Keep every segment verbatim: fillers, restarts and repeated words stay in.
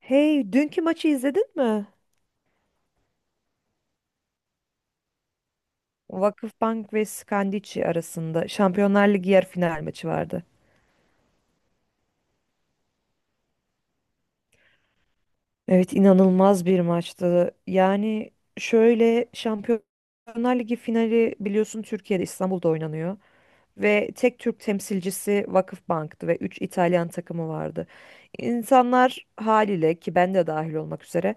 Hey, dünkü maçı izledin mi? Vakıfbank ve Skandici arasında Şampiyonlar Ligi yarı final maçı vardı. Evet, inanılmaz bir maçtı. Yani şöyle Şampiyonlar Ligi finali biliyorsun Türkiye'de İstanbul'da oynanıyor ve tek Türk temsilcisi Vakıfbank'tı ve üç İtalyan takımı vardı. İnsanlar haliyle ki ben de dahil olmak üzere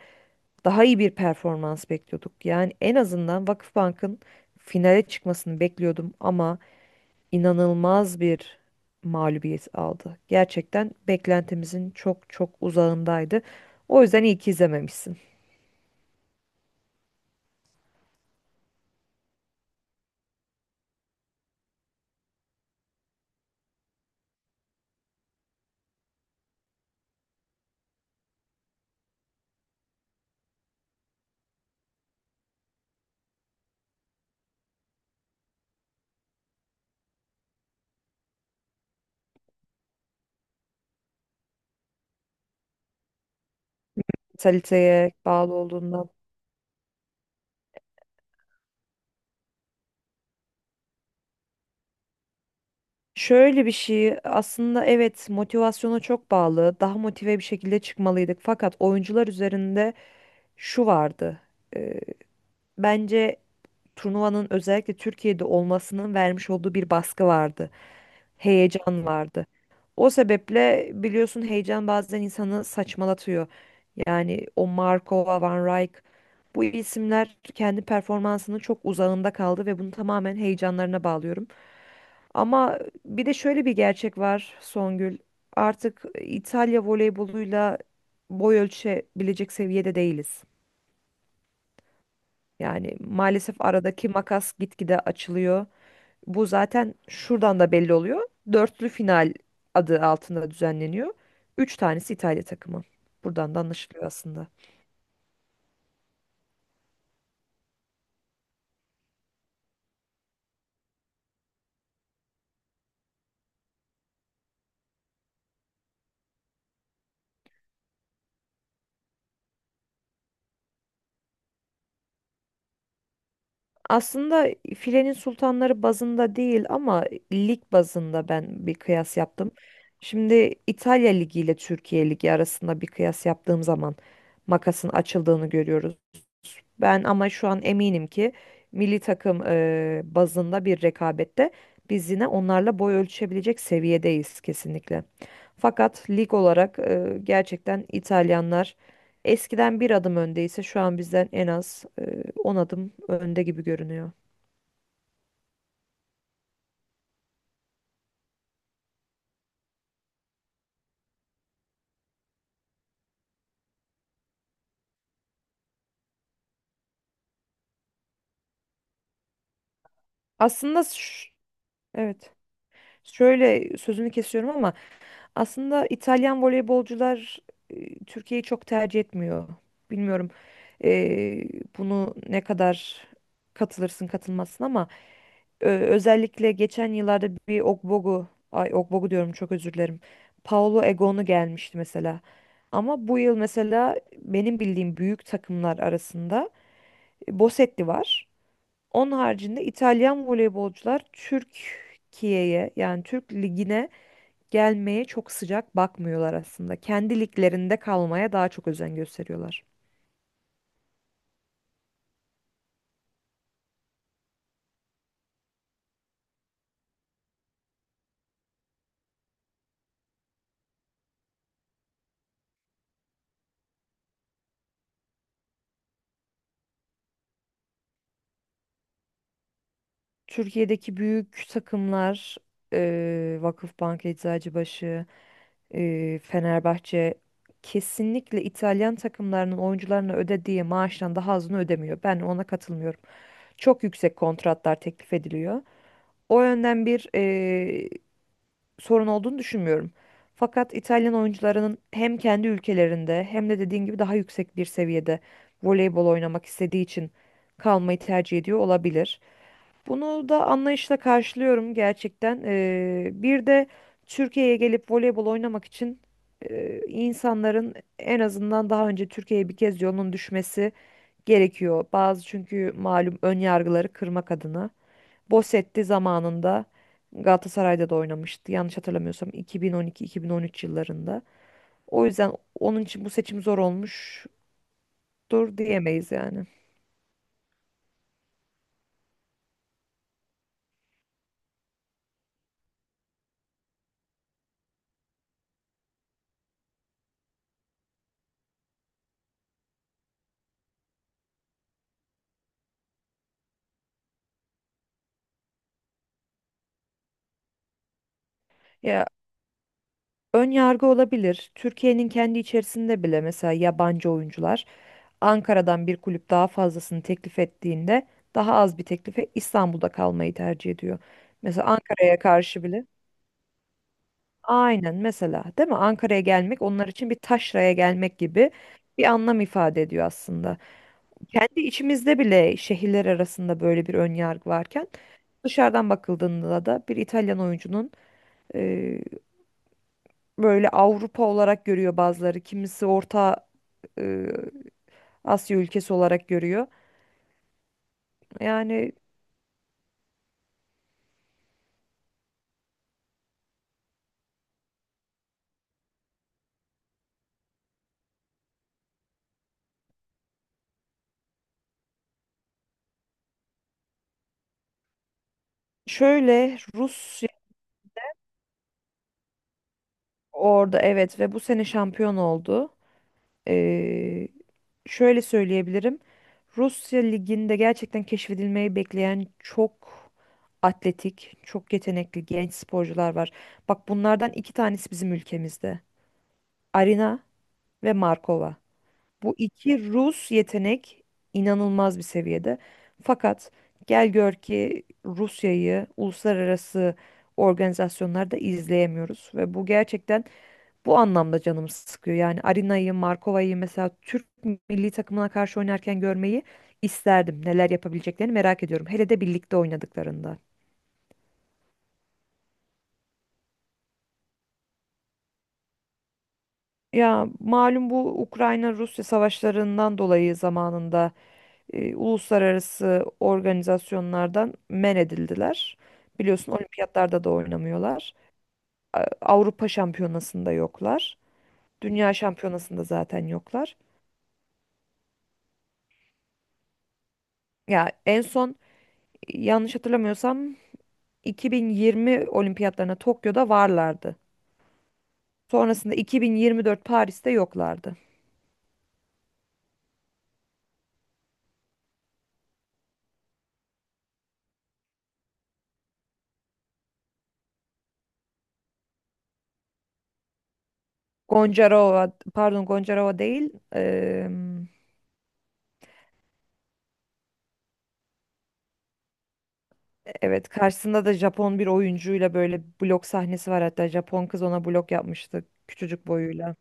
daha iyi bir performans bekliyorduk. Yani en azından Vakıfbank'ın finale çıkmasını bekliyordum ama inanılmaz bir mağlubiyet aldı. Gerçekten beklentimizin çok çok uzağındaydı. O yüzden iyi ki izlememişsin. Mentaliteye bağlı olduğundan. Şöyle bir şey aslında, evet, motivasyona çok bağlı. Daha motive bir şekilde çıkmalıydık. Fakat oyuncular üzerinde şu vardı. Ee, Bence turnuvanın özellikle Türkiye'de olmasının vermiş olduğu bir baskı vardı. Heyecan vardı. O sebeple biliyorsun heyecan bazen insanı saçmalatıyor. Yani o Markova, Van Rijk bu isimler kendi performansının çok uzağında kaldı ve bunu tamamen heyecanlarına bağlıyorum. Ama bir de şöyle bir gerçek var Songül. Artık İtalya voleyboluyla boy ölçebilecek seviyede değiliz. Yani maalesef aradaki makas gitgide açılıyor. Bu zaten şuradan da belli oluyor. Dörtlü final adı altında düzenleniyor. Üç tanesi İtalya takımı. Buradan da anlaşılıyor aslında. Aslında filenin sultanları bazında değil ama lig bazında ben bir kıyas yaptım. Şimdi İtalya Ligi ile Türkiye Ligi arasında bir kıyas yaptığım zaman makasın açıldığını görüyoruz. Ben ama şu an eminim ki milli takım eee, bazında bir rekabette biz yine onlarla boy ölçüşebilecek seviyedeyiz kesinlikle. Fakat lig olarak eee, gerçekten İtalyanlar eskiden bir adım öndeyse şu an bizden en az eee, on adım önde gibi görünüyor. Aslında ş- evet, şöyle, sözünü kesiyorum ama aslında İtalyan voleybolcular e, Türkiye'yi çok tercih etmiyor. Bilmiyorum, e, bunu ne kadar katılırsın katılmazsın ama ö- özellikle geçen yıllarda bir Ogbogu, ay Ogbogu diyorum, çok özür dilerim. Paolo Egonu gelmişti mesela. Ama bu yıl mesela benim bildiğim büyük takımlar arasında e, Bosetti var. Onun haricinde İtalyan voleybolcular Türkiye'ye, yani Türk ligine gelmeye çok sıcak bakmıyorlar aslında. Kendi liglerinde kalmaya daha çok özen gösteriyorlar. Türkiye'deki büyük takımlar eee Vakıfbank, Eczacıbaşı, eee, Fenerbahçe kesinlikle İtalyan takımlarının oyuncularına ödediği maaştan daha azını ödemiyor. Ben ona katılmıyorum. Çok yüksek kontratlar teklif ediliyor. O yönden bir sorun olduğunu düşünmüyorum. Fakat İtalyan oyuncularının hem kendi ülkelerinde hem de dediğin gibi daha yüksek bir seviyede voleybol oynamak istediği için kalmayı tercih ediyor olabilir. Bunu da anlayışla karşılıyorum gerçekten. Ee, bir de Türkiye'ye gelip voleybol oynamak için e, insanların en azından daha önce Türkiye'ye bir kez yolunun düşmesi gerekiyor. Bazı çünkü malum ön yargıları kırmak adına. Bosetti zamanında Galatasaray'da da oynamıştı. Yanlış hatırlamıyorsam iki bin on iki-iki bin on üç yıllarında. O yüzden onun için bu seçim zor olmuştur diyemeyiz yani. Ya, ön yargı olabilir. Türkiye'nin kendi içerisinde bile mesela yabancı oyuncular Ankara'dan bir kulüp daha fazlasını teklif ettiğinde daha az bir teklife İstanbul'da kalmayı tercih ediyor. Mesela Ankara'ya karşı bile aynen mesela, değil mi? Ankara'ya gelmek onlar için bir taşraya gelmek gibi bir anlam ifade ediyor aslında. Kendi içimizde bile şehirler arasında böyle bir ön yargı varken dışarıdan bakıldığında da bir İtalyan oyuncunun e, böyle Avrupa olarak görüyor bazıları. Kimisi Orta e, Asya ülkesi olarak görüyor. Yani şöyle Rusya orada, evet, ve bu sene şampiyon oldu. Ee, Şöyle söyleyebilirim. Rusya liginde gerçekten keşfedilmeyi bekleyen çok atletik, çok yetenekli genç sporcular var. Bak bunlardan iki tanesi bizim ülkemizde. Arina ve Markova. Bu iki Rus yetenek inanılmaz bir seviyede. Fakat gel gör ki Rusya'yı uluslararası organizasyonlarda izleyemiyoruz ve bu gerçekten bu anlamda canım sıkıyor. Yani Arina'yı, Markova'yı mesela Türk milli takımına karşı oynarken görmeyi isterdim. Neler yapabileceklerini merak ediyorum. Hele de birlikte oynadıklarında. Ya malum bu Ukrayna-Rusya savaşlarından dolayı zamanında e, uluslararası organizasyonlardan men edildiler. Biliyorsun olimpiyatlarda da oynamıyorlar. A- Avrupa şampiyonasında yoklar. Dünya şampiyonasında zaten yoklar. Ya en son e, yanlış hatırlamıyorsam iki bin yirmi olimpiyatlarına Tokyo'da varlardı. Sonrasında iki bin yirmi dört Paris'te yoklardı. Goncarova, pardon, Goncarova değil. Eee, evet, karşısında da Japon bir oyuncuyla böyle blok sahnesi var, hatta Japon kız ona blok yapmıştı küçücük boyuyla.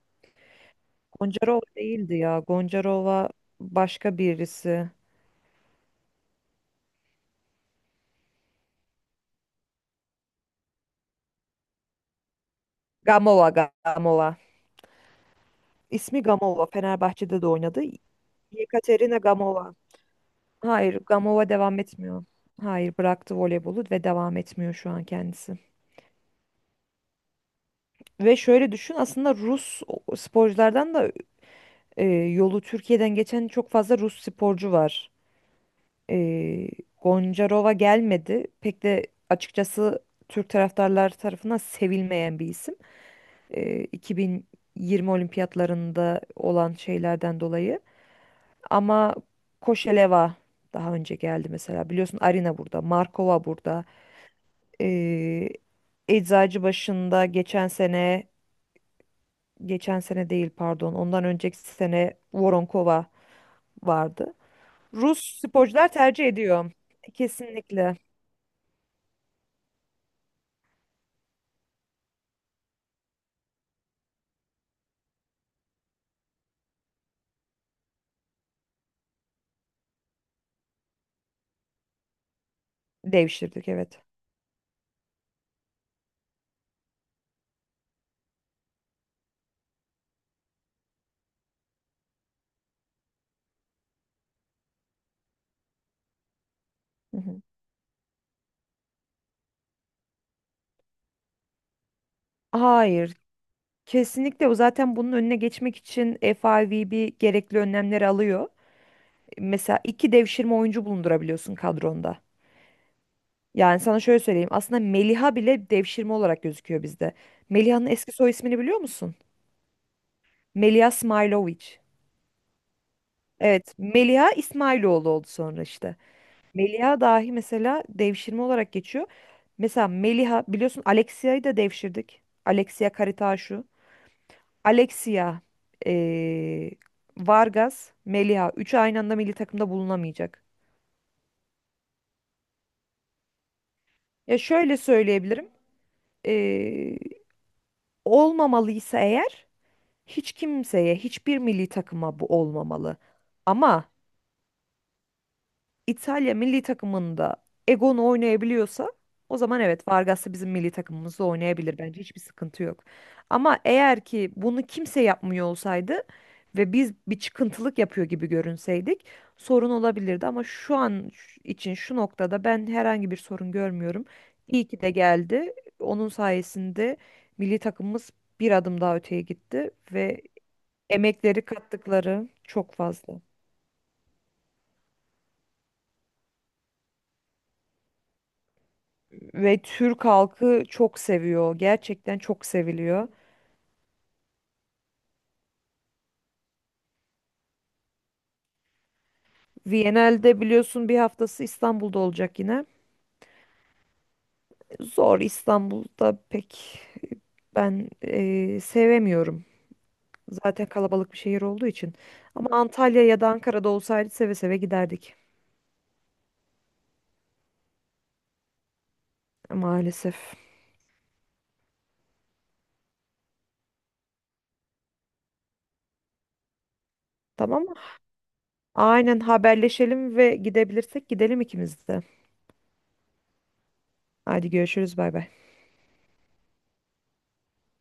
Goncarova değildi ya. Goncarova başka birisi. Gamova, Gamova. İsmi Gamova. Fenerbahçe'de de oynadı. Yekaterina Gamova. Hayır, Gamova devam etmiyor. Hayır, bıraktı voleybolu ve devam etmiyor şu an kendisi. Ve şöyle düşün, aslında Rus o- sporculardan da e, yolu Türkiye'den geçen çok fazla Rus sporcu var. E, Goncarova gelmedi. Pek de açıkçası Türk taraftarlar tarafından sevilmeyen bir isim. E, iki bin yirmi olimpiyatlarında olan şeylerden dolayı. Ama Koşeleva daha önce geldi mesela. Biliyorsun Arina burada, Markova burada. Ee, Eczacıbaşı'nda geçen sene, geçen sene değil pardon, ondan önceki sene Voronkova vardı. Rus sporcular tercih ediyor. Kesinlikle devşirdik, evet. Hı hı. Hayır, kesinlikle o zaten bunun önüne geçmek için F I V B gerekli önlemleri alıyor. Mesela iki devşirme oyuncu bulundurabiliyorsun kadronda. Yani sana şöyle söyleyeyim. Aslında Meliha bile devşirme olarak gözüküyor bizde. Meliha'nın eski soy ismini biliyor musun? Meliha Smailovic. Evet, Meliha İsmailoğlu oldu sonra işte. Meliha dahi mesela devşirme olarak geçiyor. Mesela Meliha biliyorsun, Alexia'yı da devşirdik. Alexia Karitaşu. Alexia, eee, Vargas, Meliha. Üçü aynı anda milli takımda bulunamayacak. Ya şöyle söyleyebilirim. Olmamalıysa eğer, hiç kimseye, hiçbir milli takıma bu olmamalı. Ama İtalya milli takımında Egon'u oynayabiliyorsa o zaman evet, Vargas da bizim milli takımımızda oynayabilir, bence hiçbir sıkıntı yok. Ama eğer ki bunu kimse yapmıyor olsaydı ve biz bir çıkıntılık yapıyor gibi görünseydik sorun olabilirdi ama şu an ş- için şu noktada ben herhangi bir sorun görmüyorum. İyi ki de geldi. Onun sayesinde milli takımımız bir adım daha öteye gitti ve emekleri kattıkları çok fazla. Ve Türk halkı çok seviyor. Gerçekten çok seviliyor. Viyana'da biliyorsun bir haftası İstanbul'da olacak yine. Zor, İstanbul'da pek ben eee, sevemiyorum. Zaten kalabalık bir şehir olduğu için. Ama Antalya ya da Ankara'da olsaydı seve seve giderdik. Maalesef. Tamam mı? Aynen haberleşelim ve gidebilirsek gidelim ikimiz de. Hadi görüşürüz, bay bay.